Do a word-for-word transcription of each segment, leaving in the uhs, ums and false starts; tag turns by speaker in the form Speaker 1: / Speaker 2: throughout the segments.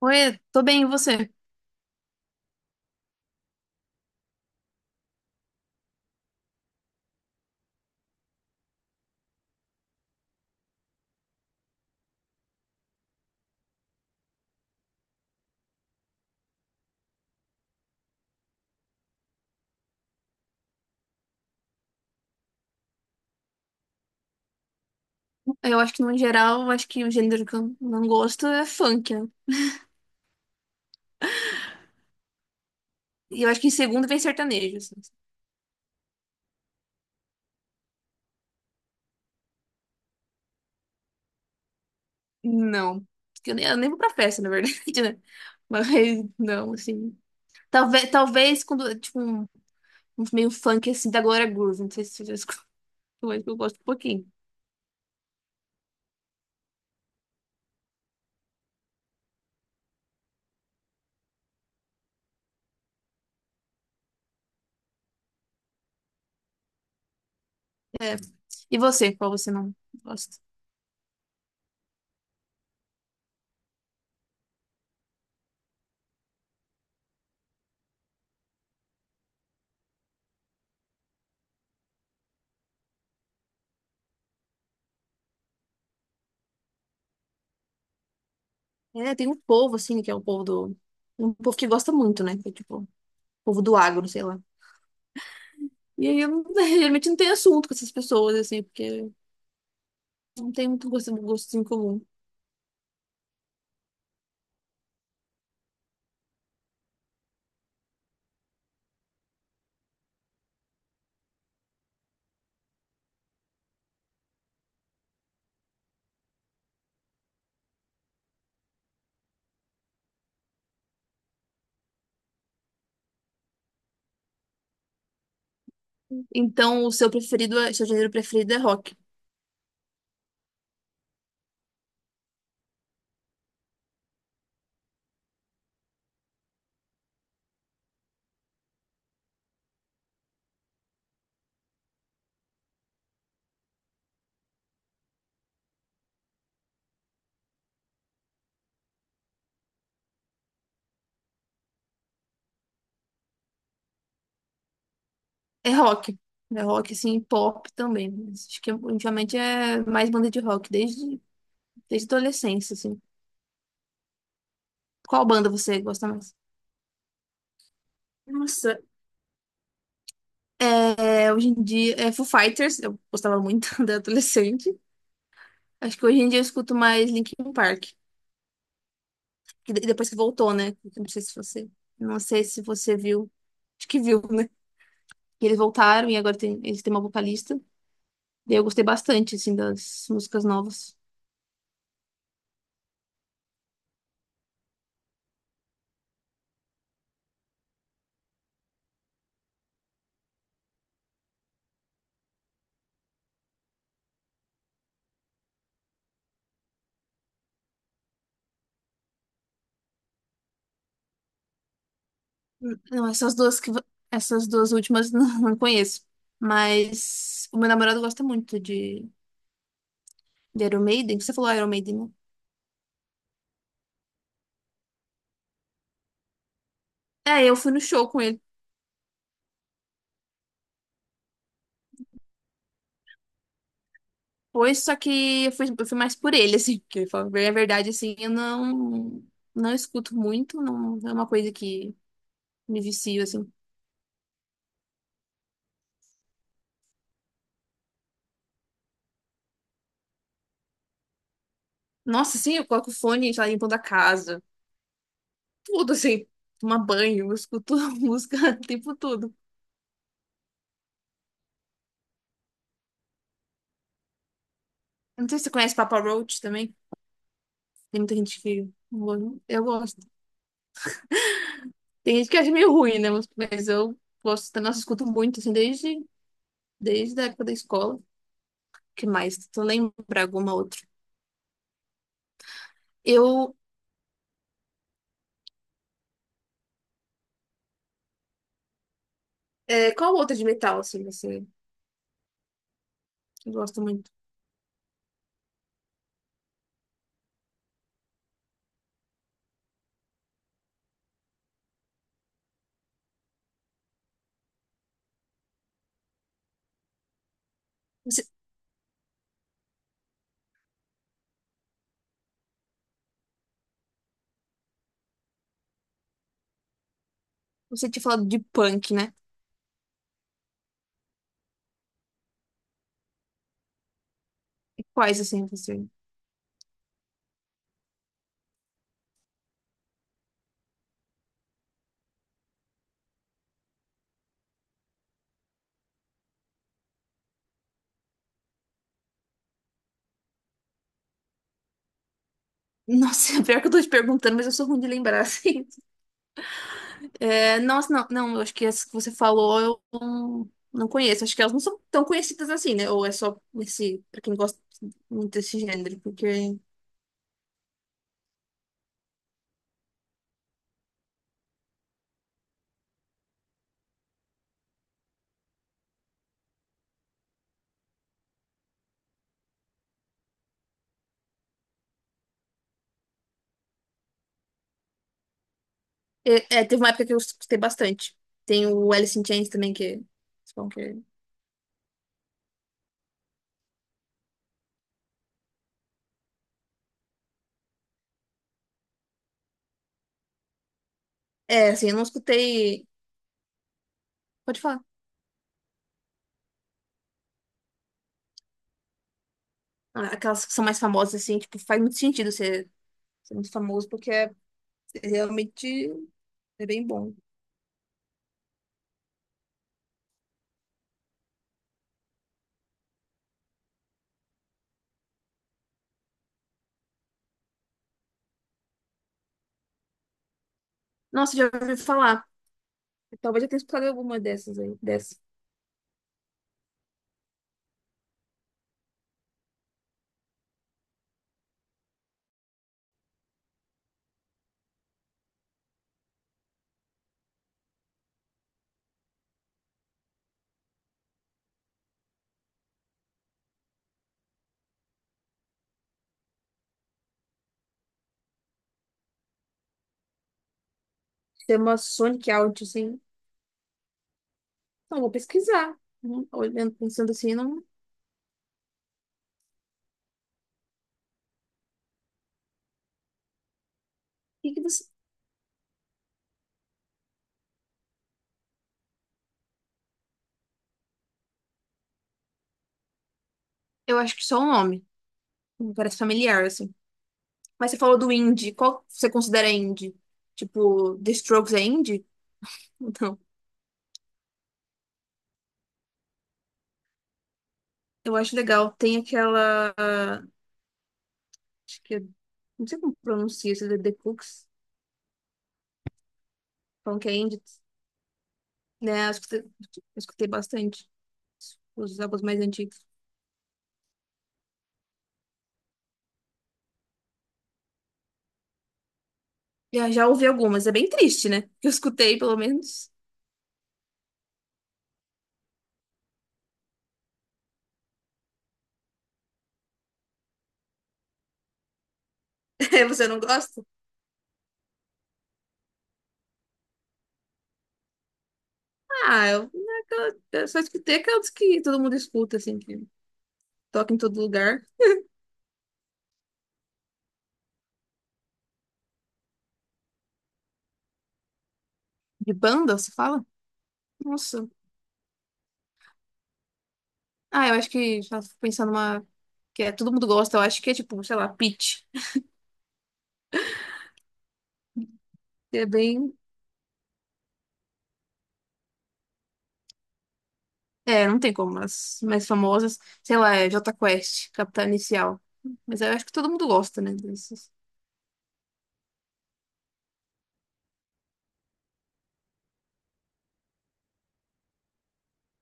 Speaker 1: Oi, tô bem, e você? Eu acho que, no geral, eu acho que o gênero que eu não gosto é funk, né? E eu acho que em segundo vem sertanejo, assim. Não. Porque Eu nem, eu nem vou pra festa, na verdade, né? Mas não, assim. Talvez, talvez quando, tipo, um, um meio funk, assim, da Glória Groove. Não sei se você já escutou, mas eu gosto um pouquinho. É. E você? Qual você não gosta? É, tem um povo, assim, que é o povo do... Um povo que gosta muito, né? Que é, tipo, o povo do agro, sei lá. E aí eu geralmente não tenho assunto com essas pessoas, assim, porque não tem muito gosto, gosto em comum. Então, o seu preferido, é- seu gênero preferido é rock. É rock. É rock, assim, e pop também. Mas acho que ultimamente é mais banda de rock, desde, desde a adolescência, assim. Qual banda você gosta mais? Nossa, é, hoje em dia é Foo Fighters, eu gostava muito da adolescente. Acho que hoje em dia eu escuto mais Linkin Park, que de- depois que voltou, né? Não sei se você, não sei se você viu, acho que viu, né? Que eles voltaram e agora tem, eles têm uma vocalista. E eu gostei bastante, assim, das músicas novas. Não, essas duas que... vo- Essas duas últimas não não conheço. Mas o meu namorado gosta muito de, de Iron Maiden. Você falou Iron Maiden, né? É, eu fui no show com ele. Pois, só que eu fui, eu fui mais por ele, assim. Porque, pra ver a verdade, assim, eu não... Não escuto muito. Não é uma coisa que me vicio, assim. Nossa, sim, eu coloco fone, sei lá, limpando a casa. Tudo, assim. Tomar banho, eu escuto música, tipo tudo. Não sei se você conhece Papa Roach também. Tem muita gente que. Eu eu gosto. Tem gente que acha meio ruim, né? Mas mas eu gosto. Nossa, escuto muito, assim, desde, desde a época da escola. Que mais? Se eu lembrar alguma outra. Eu. É, qual outra de metal, assim, você gosta muito? Você, você tinha falado de punk, né? E quais, assim, você. Nossa, pior que eu tô te perguntando, mas eu sou ruim de lembrar, assim. É, nossa, não, não, eu acho que as que você falou eu não, não conheço. Acho que elas não são tão conhecidas assim, né? Ou é só esse, pra quem gosta muito desse gênero, porque. É, é, teve uma época que eu escutei bastante. Tem o Alice in Chains também, que... é bom que- É, é, assim, eu não escutei... Pode falar. Ah, aquelas que são mais famosas, assim, tipo, faz muito sentido ser, ser muito famoso, porque é, é realmente é bem bom. Nossa, já ouvi falar. Talvez eu tenha escutado alguma dessas aí, dessas. Chama Sonic Out, assim. Então vou pesquisar. Uhum. Olhando, pensando assim, não... O que que você... Eu acho que só o nome. Me parece familiar, assim. Mas você falou do indie. Qual você considera indie? Tipo, The Strokes é indie? Então, eu acho legal. Tem aquela. Acho que. É- não sei como pronuncia isso, The The Cooks. Falam que é indie. Né? Eu escutei, eu escutei bastante os álbuns mais antigos. Já, já ouvi algumas. É bem triste, né? Que eu escutei, pelo menos. É, você não gosta? Ah, eu, eu eu só escutei aquelas que todo mundo escuta, assim, que toca em todo lugar. De banda, você fala? Nossa. Ah, eu acho que já fico pensando numa que é, todo mundo gosta, eu acho que é tipo, sei lá, Peach. É bem. É, não tem como, as mais famosas, sei lá, é Jota Quest, Capital Inicial. Mas eu acho que todo mundo gosta, né? Desses.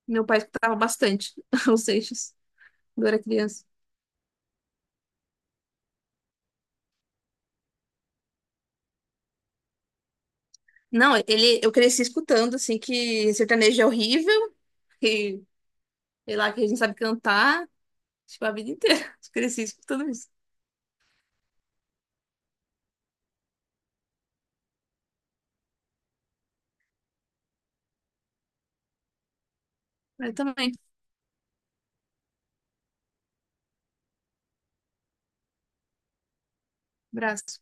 Speaker 1: Meu pai escutava bastante os Seixas quando eu era criança. Não, ele, eu cresci escutando, assim, que sertanejo é horrível, que, sei lá, que a gente sabe cantar, tipo, a vida inteira. Eu cresci escutando isso. Eu também. Abraço.